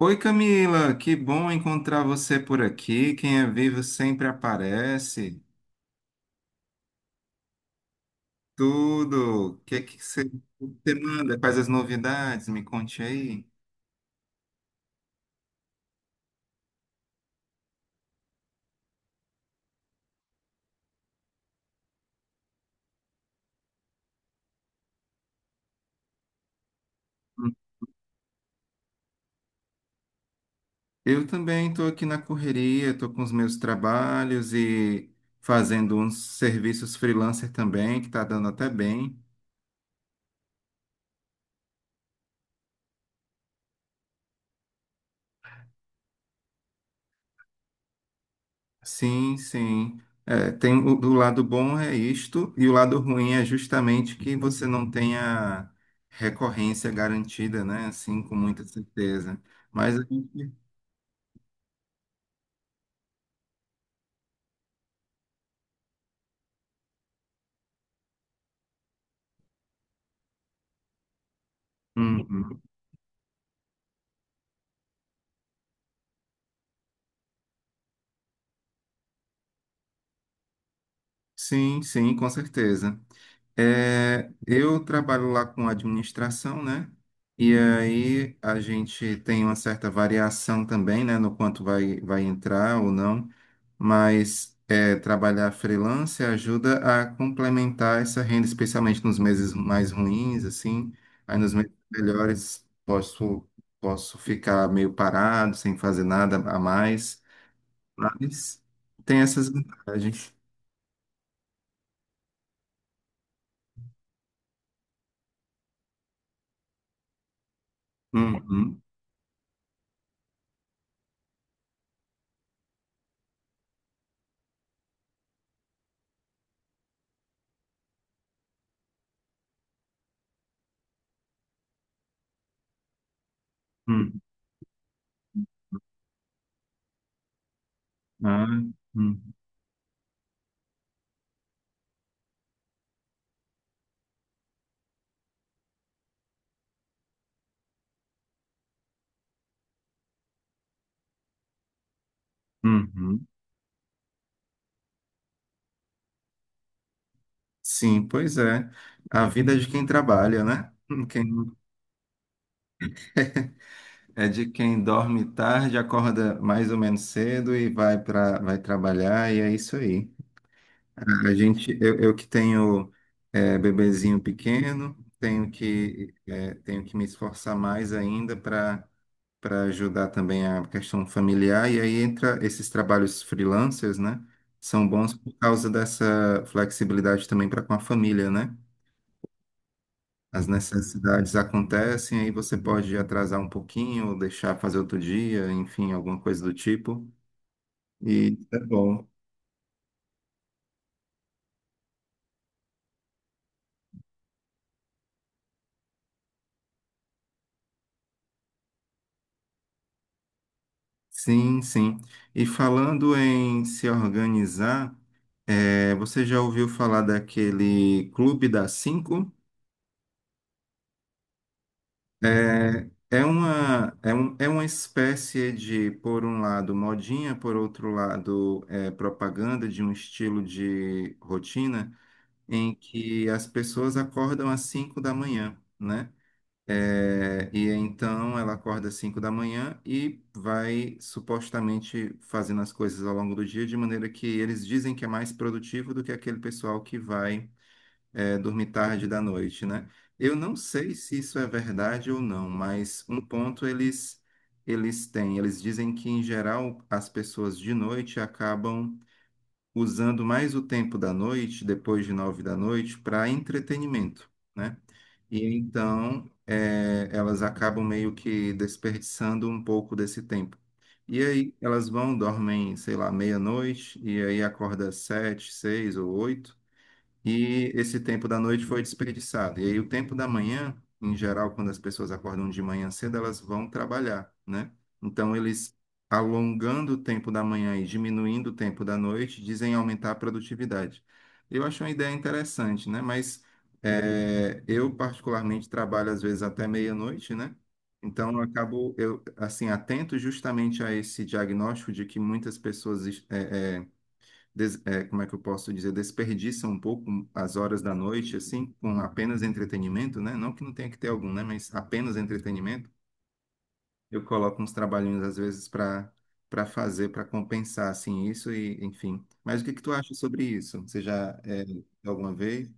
Oi, Camila, que bom encontrar você por aqui. Quem é vivo sempre aparece. Tudo. O que que você manda? Quais as novidades? Me conte aí. Eu também estou aqui na correria, estou com os meus trabalhos e fazendo uns serviços freelancer também, que está dando até bem. Sim, sim. Tem o lado bom é isto, e o lado ruim é justamente que você não tenha recorrência garantida, né? Assim, com muita certeza. Mas a gente. Uhum. Sim, sim, com certeza. É, eu trabalho lá com administração, né? E aí a gente tem uma certa variação também, né, no quanto vai entrar ou não, mas é, trabalhar freelance ajuda a complementar essa renda, especialmente nos meses mais ruins, assim. Aí nos meses melhores posso ficar meio parado, sem fazer nada a mais, mas tem essas vantagens. Uhum, uhum, ah, uhum, uhum. Sim, pois é. A vida é de quem trabalha, né? Quem- É de quem dorme tarde, acorda mais ou menos cedo e vai para vai trabalhar, e é isso aí. Eu que tenho bebezinho pequeno, tenho que me esforçar mais ainda para ajudar também a questão familiar, e aí entra esses trabalhos freelancers, né? São bons por causa dessa flexibilidade também para com a família, né? As necessidades acontecem, aí você pode atrasar um pouquinho, ou deixar fazer outro dia, enfim, alguma coisa do tipo. E é bom. Sim, sim. E falando em se organizar, você já ouviu falar daquele Clube das Cinco? É, é uma espécie de, por um lado, modinha, por outro lado, é, propaganda de um estilo de rotina em que as pessoas acordam às cinco da manhã, né? É, e então ela acorda às 5 da manhã e vai supostamente fazendo as coisas ao longo do dia, de maneira que eles dizem que é mais produtivo do que aquele pessoal que vai, é, dormir tarde da noite, né? Eu não sei se isso é verdade ou não, mas um ponto eles têm. Eles dizem que, em geral, as pessoas de noite acabam usando mais o tempo da noite, depois de nove da noite, para entretenimento, né? E então elas acabam meio que desperdiçando um pouco desse tempo. E aí elas vão, dormem, sei lá, meia-noite, e aí acorda às sete, seis ou oito, e esse tempo da noite foi desperdiçado. E aí, o tempo da manhã, em geral, quando as pessoas acordam de manhã cedo, elas vão trabalhar, né? Então, eles alongando o tempo da manhã e diminuindo o tempo da noite, dizem aumentar a produtividade. Eu acho uma ideia interessante, né? Mas é, eu, particularmente, trabalho às vezes até meia-noite, né? Então, eu acabo, eu, assim, atento justamente a esse diagnóstico de que muitas pessoas como é que eu posso dizer, desperdiça um pouco as horas da noite, assim, com apenas entretenimento, né? Não que não tenha que ter algum, né? Mas apenas entretenimento. Eu coloco uns trabalhinhos, às vezes, para fazer, para compensar, assim, isso e, enfim. Mas o que que tu acha sobre isso? Você já, é, alguma vez?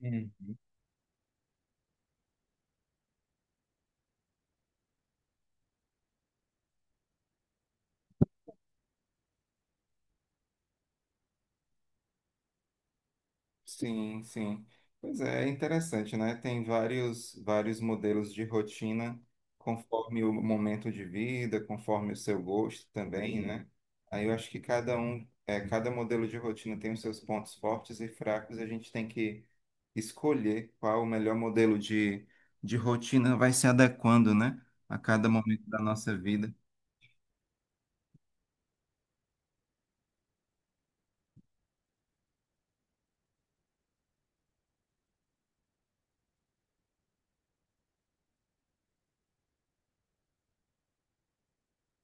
Uhum. Sim, sim. Pois é, é interessante, né? Tem vários modelos de rotina, conforme o momento de vida, conforme o seu gosto também, né? Aí eu acho que cada um, é, cada modelo de rotina tem os seus pontos fortes e fracos, e a gente tem que escolher qual o melhor modelo de rotina vai se adequando, né? A cada momento da nossa vida.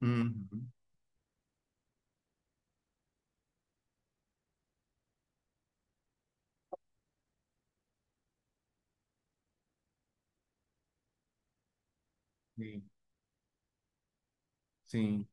Uhum. Sim, sim.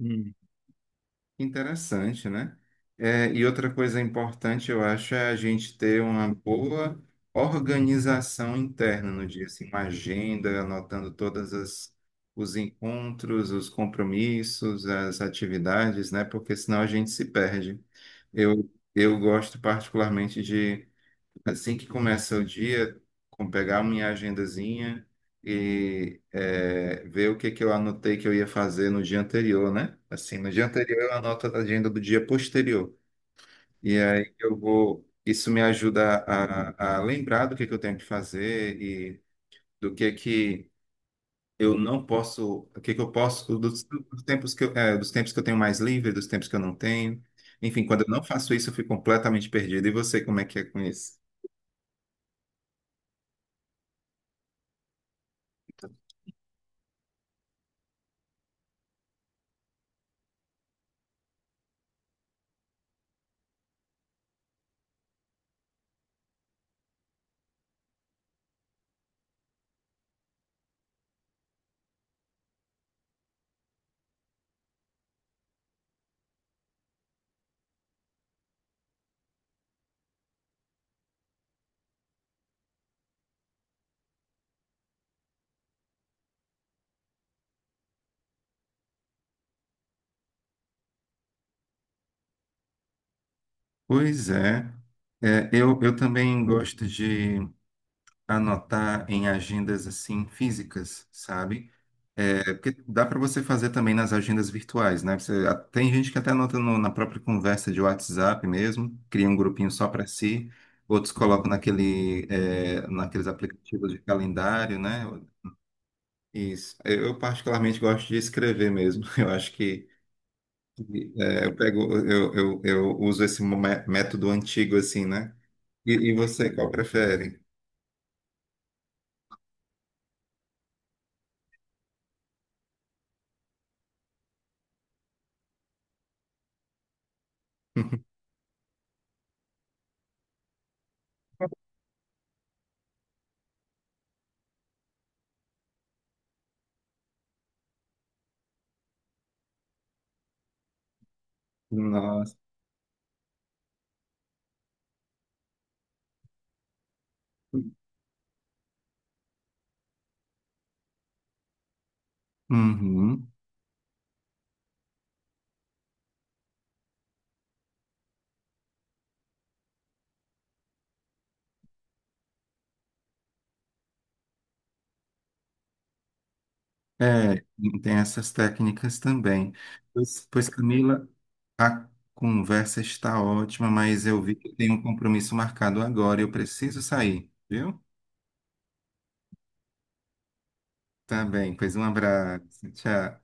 Uhum. Interessante, né? É, e outra coisa importante, eu acho, é a gente ter uma boa organização interna no dia, assim, uma agenda, anotando todas as os encontros, os compromissos, as atividades, né? Porque senão a gente se perde. Eu gosto particularmente de assim que começa o dia, com pegar minha agendazinha e ver o que que eu anotei que eu ia fazer no dia anterior, né? Assim, no dia anterior eu anoto a agenda do dia posterior. E aí eu vou. Isso me ajuda a lembrar do que eu tenho que fazer e do que eu não posso, o que que eu posso, dos tempos que dos tempos que eu tenho mais livre, dos tempos que eu não tenho. Enfim, quando eu não faço isso, eu fico completamente perdido. E você, como é que é com isso? Pois é. É, eu também gosto de anotar em agendas assim físicas, sabe? É, porque dá para você fazer também nas agendas virtuais, né? Você, tem gente que até anota na própria conversa de WhatsApp mesmo, cria um grupinho só para si, outros colocam naquele, é, naqueles aplicativos de calendário, né? Isso. Eu particularmente gosto de escrever mesmo. Eu acho que é, eu pego, eu uso esse método antigo assim, né? E você, qual prefere? Nossa. Uhum. É, tem essas técnicas também. Pois, pois, Camila, a conversa está ótima, mas eu vi que eu tenho um compromisso marcado agora e eu preciso sair, viu? Tá bem, pois um abraço. Tchau.